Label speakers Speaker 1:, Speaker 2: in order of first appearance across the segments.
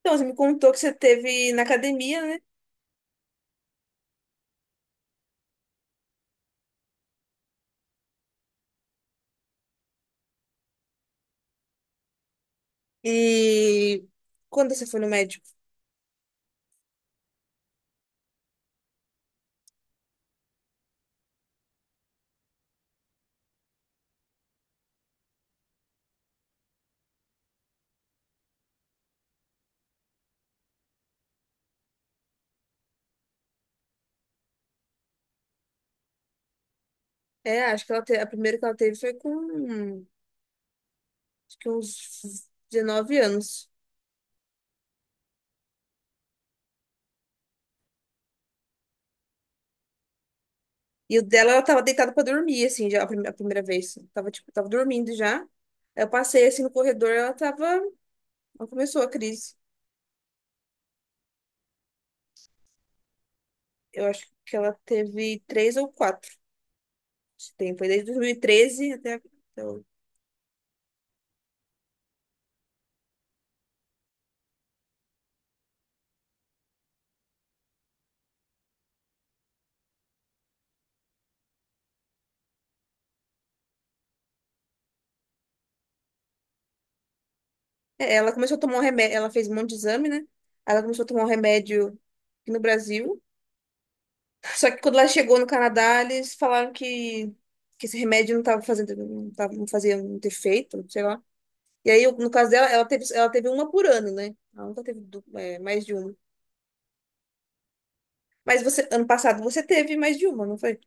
Speaker 1: Então, você me contou que você teve na academia, né? E quando você foi no médico? É, acho que ela a primeira que ela teve foi com acho que uns 19 anos. E o dela, ela tava deitada pra dormir, assim, já a primeira vez. Tava, tipo, tava dormindo já. Aí eu passei, assim, no corredor, ela tava. Ela começou a crise. Eu acho que ela teve três ou quatro. Esse tempo, foi desde 2013 até hoje. É, ela começou a tomar um remédio, ela fez um monte de exame, né? Aí ela começou a tomar um remédio aqui no Brasil. Só que quando ela chegou no Canadá, eles falaram que esse remédio não estava fazendo, não tava, não fazia muito efeito, sei lá. E aí, no caso dela, ela teve uma por ano, né? Ela nunca teve mais de uma. Mas você, ano passado você teve mais de uma, não foi?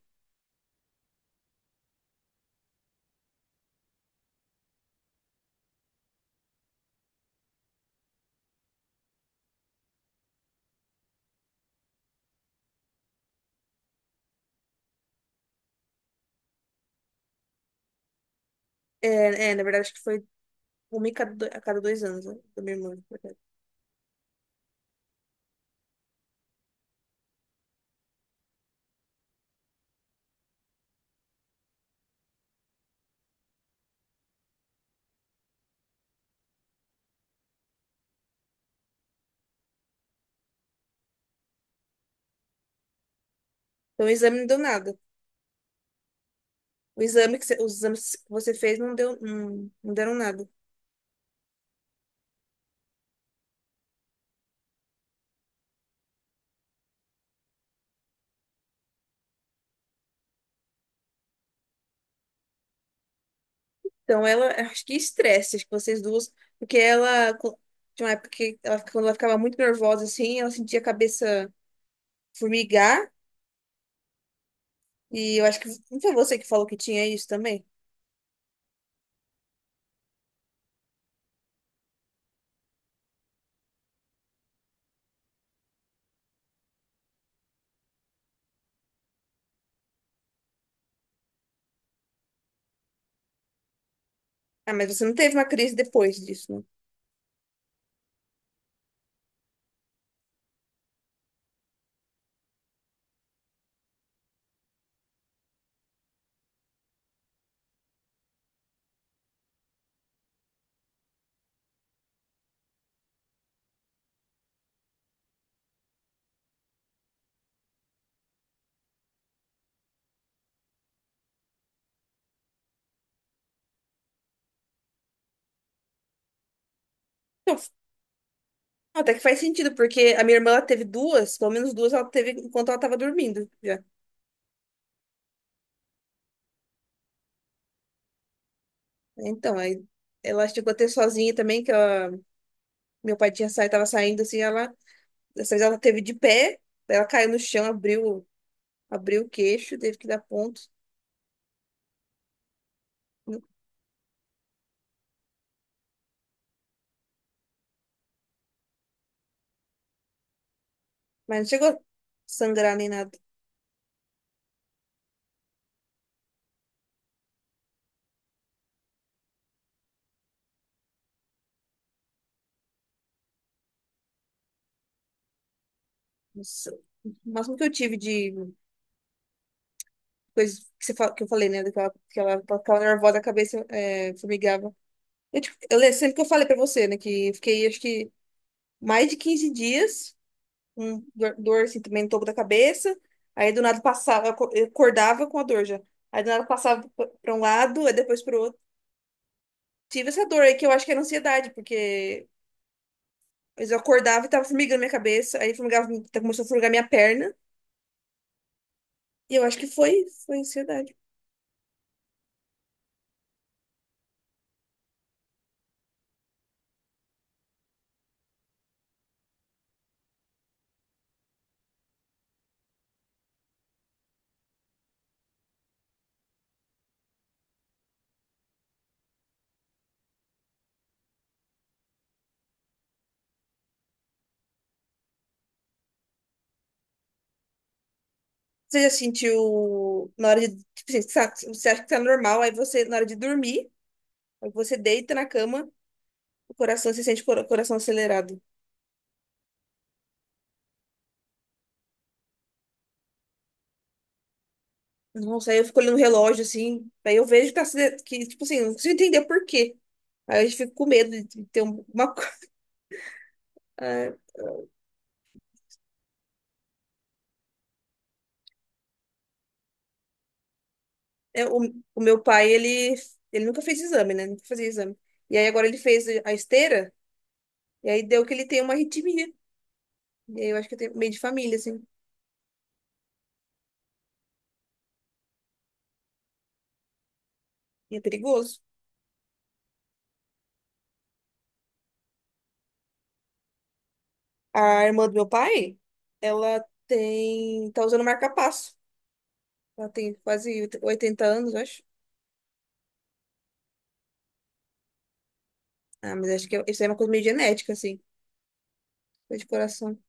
Speaker 1: É, na verdade, acho que foi uma a cada dois anos, né? Da minha irmã. Então, o exame não deu nada. O exame que você, os exames que você fez não deu, não, não deram nada. Então, ela, acho que estresse, acho que vocês duas, porque ela, tinha uma época que ela, quando ela ficava muito nervosa, assim, ela sentia a cabeça formigar, e eu acho que não foi você que falou que tinha isso também? Ah, mas você não teve uma crise depois disso, né? Então, até que faz sentido, porque a minha irmã, ela teve duas, pelo menos duas ela teve enquanto ela estava dormindo já. Então, aí ela chegou a ter sozinha também, que ela, meu pai tinha saído, tava saindo, assim, ela, dessa vez ela teve de pé, ela caiu no chão, abriu o queixo, teve que dar ponto. Mas não chegou a sangrar nem nada. Nossa. O máximo que eu tive de coisa que, você, que eu falei, né? Daquela, que ela ficava nervosa da cabeça, formigava. Eu, tipo, eu lembro sempre que eu falei pra você, né? Que eu fiquei, acho que, mais de 15 dias com dor, assim, também no topo da cabeça. Aí, do nada, passava, eu acordava com a dor já. Aí, do nada, passava pra um lado, aí depois pro outro. Tive essa dor aí, que eu acho que era ansiedade. Eu acordava e tava formigando minha cabeça, aí formigava, começou a formigar minha perna. E eu acho que foi ansiedade. Você já sentiu na hora de, tipo, assim, você acha que tá normal, aí você, na hora de dormir, aí você deita na cama, o coração, você sente o coração acelerado. Nossa, aí eu fico olhando o relógio, assim, aí eu vejo que tá, que, tipo assim, eu não consigo entender por quê. Aí eu fico com medo de ter uma. Ah, é, o, o meu pai, ele nunca fez exame, né? Nunca fazia exame. E aí agora ele fez a esteira, e aí deu que ele tem uma arritmia. E aí eu acho que tem meio de família, assim, e é perigoso. A irmã do meu pai, ela tá usando marca-passo. Ela tem quase 80 anos, eu acho. Ah, mas acho que isso é uma coisa meio genética, assim, coisa de coração.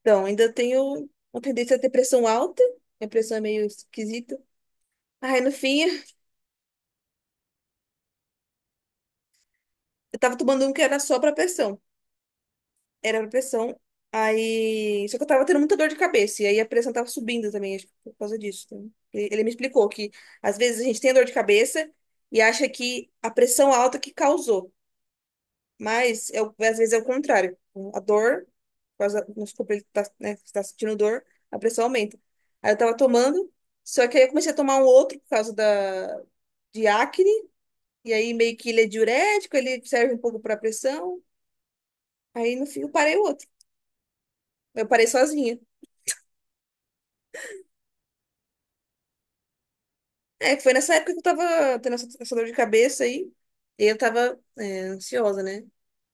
Speaker 1: Então, ainda tenho uma tendência a ter pressão alta, minha pressão é meio esquisita. Aí, no fim, eu tava tomando um que era só pra pressão. Era pra pressão. Aí, só que eu tava tendo muita dor de cabeça, e aí a pressão tava subindo também, acho que por causa disso. Então, ele me explicou que, às vezes, a gente tem dor de cabeça e acha que a pressão alta que causou. Mas eu, às vezes é o contrário. A dor, por causa, vamos supor, ele tá, né, tá sentindo dor, a pressão aumenta. Aí eu tava tomando, só que aí eu comecei a tomar um outro por causa da, de acne, e aí meio que ele é diurético, ele serve um pouco pra pressão. Aí no fim eu parei o outro. Eu parei sozinha. É, foi nessa época que eu tava tendo essa dor de cabeça aí, e eu tava, ansiosa, né?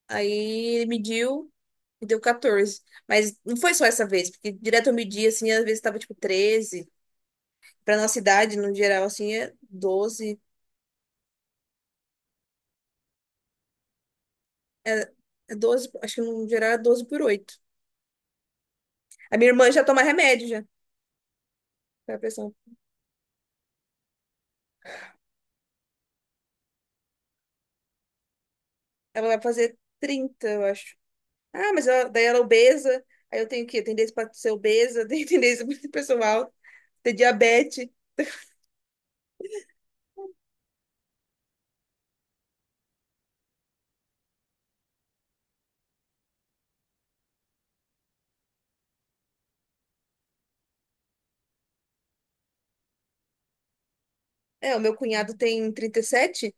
Speaker 1: Aí ele mediu e deu 14. Mas não foi só essa vez, porque direto eu medi assim, às vezes tava tipo 13. Para nossa idade, no geral, assim, é 12. É, é, 12, acho que no geral é 12 por 8. A minha irmã já toma remédio já, pra pressão. Ela vai fazer 30, eu acho. Ah, mas ela, daí ela é obesa. Aí eu tenho tendência pra ser obesa, tenho tendência para ser pressão alta, ter diabetes. É, o meu cunhado tem 37,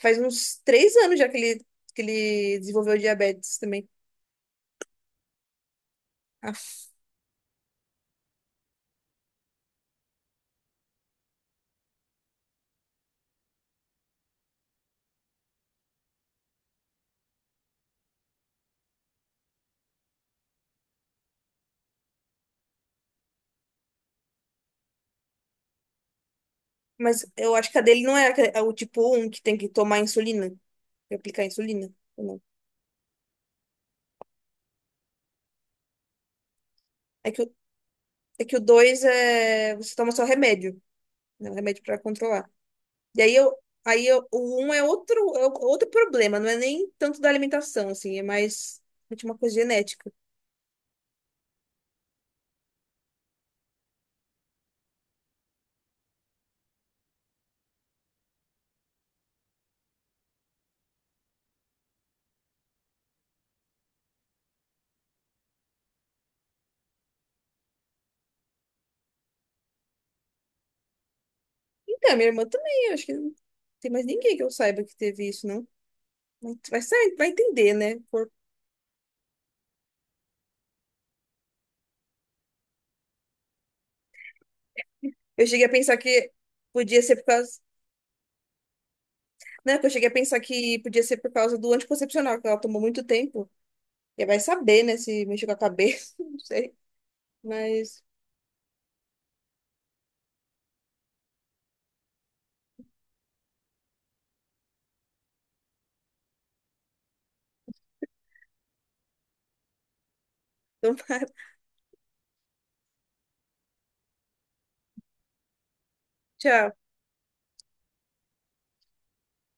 Speaker 1: faz uns 3 anos já que ele, desenvolveu diabetes também. Aff. Mas eu acho que a dele não é, é o tipo um que tem que tomar insulina, que é aplicar insulina. Ou não? É que, É que o 2 é. Você toma só remédio, né? Um remédio pra controlar. E aí eu. Aí eu, o um é outro problema, não é nem tanto da alimentação, assim, é mais de uma coisa genética. Então, minha irmã também, eu acho que não tem mais ninguém que eu saiba que teve isso, não. Mas vai entender, né? Por- eu cheguei a pensar que podia ser por causa. Não, que eu cheguei a pensar que podia ser por causa do anticoncepcional, que ela tomou muito tempo. E vai saber, né, se mexeu com a cabeça, não sei. Mas. Então, tchau.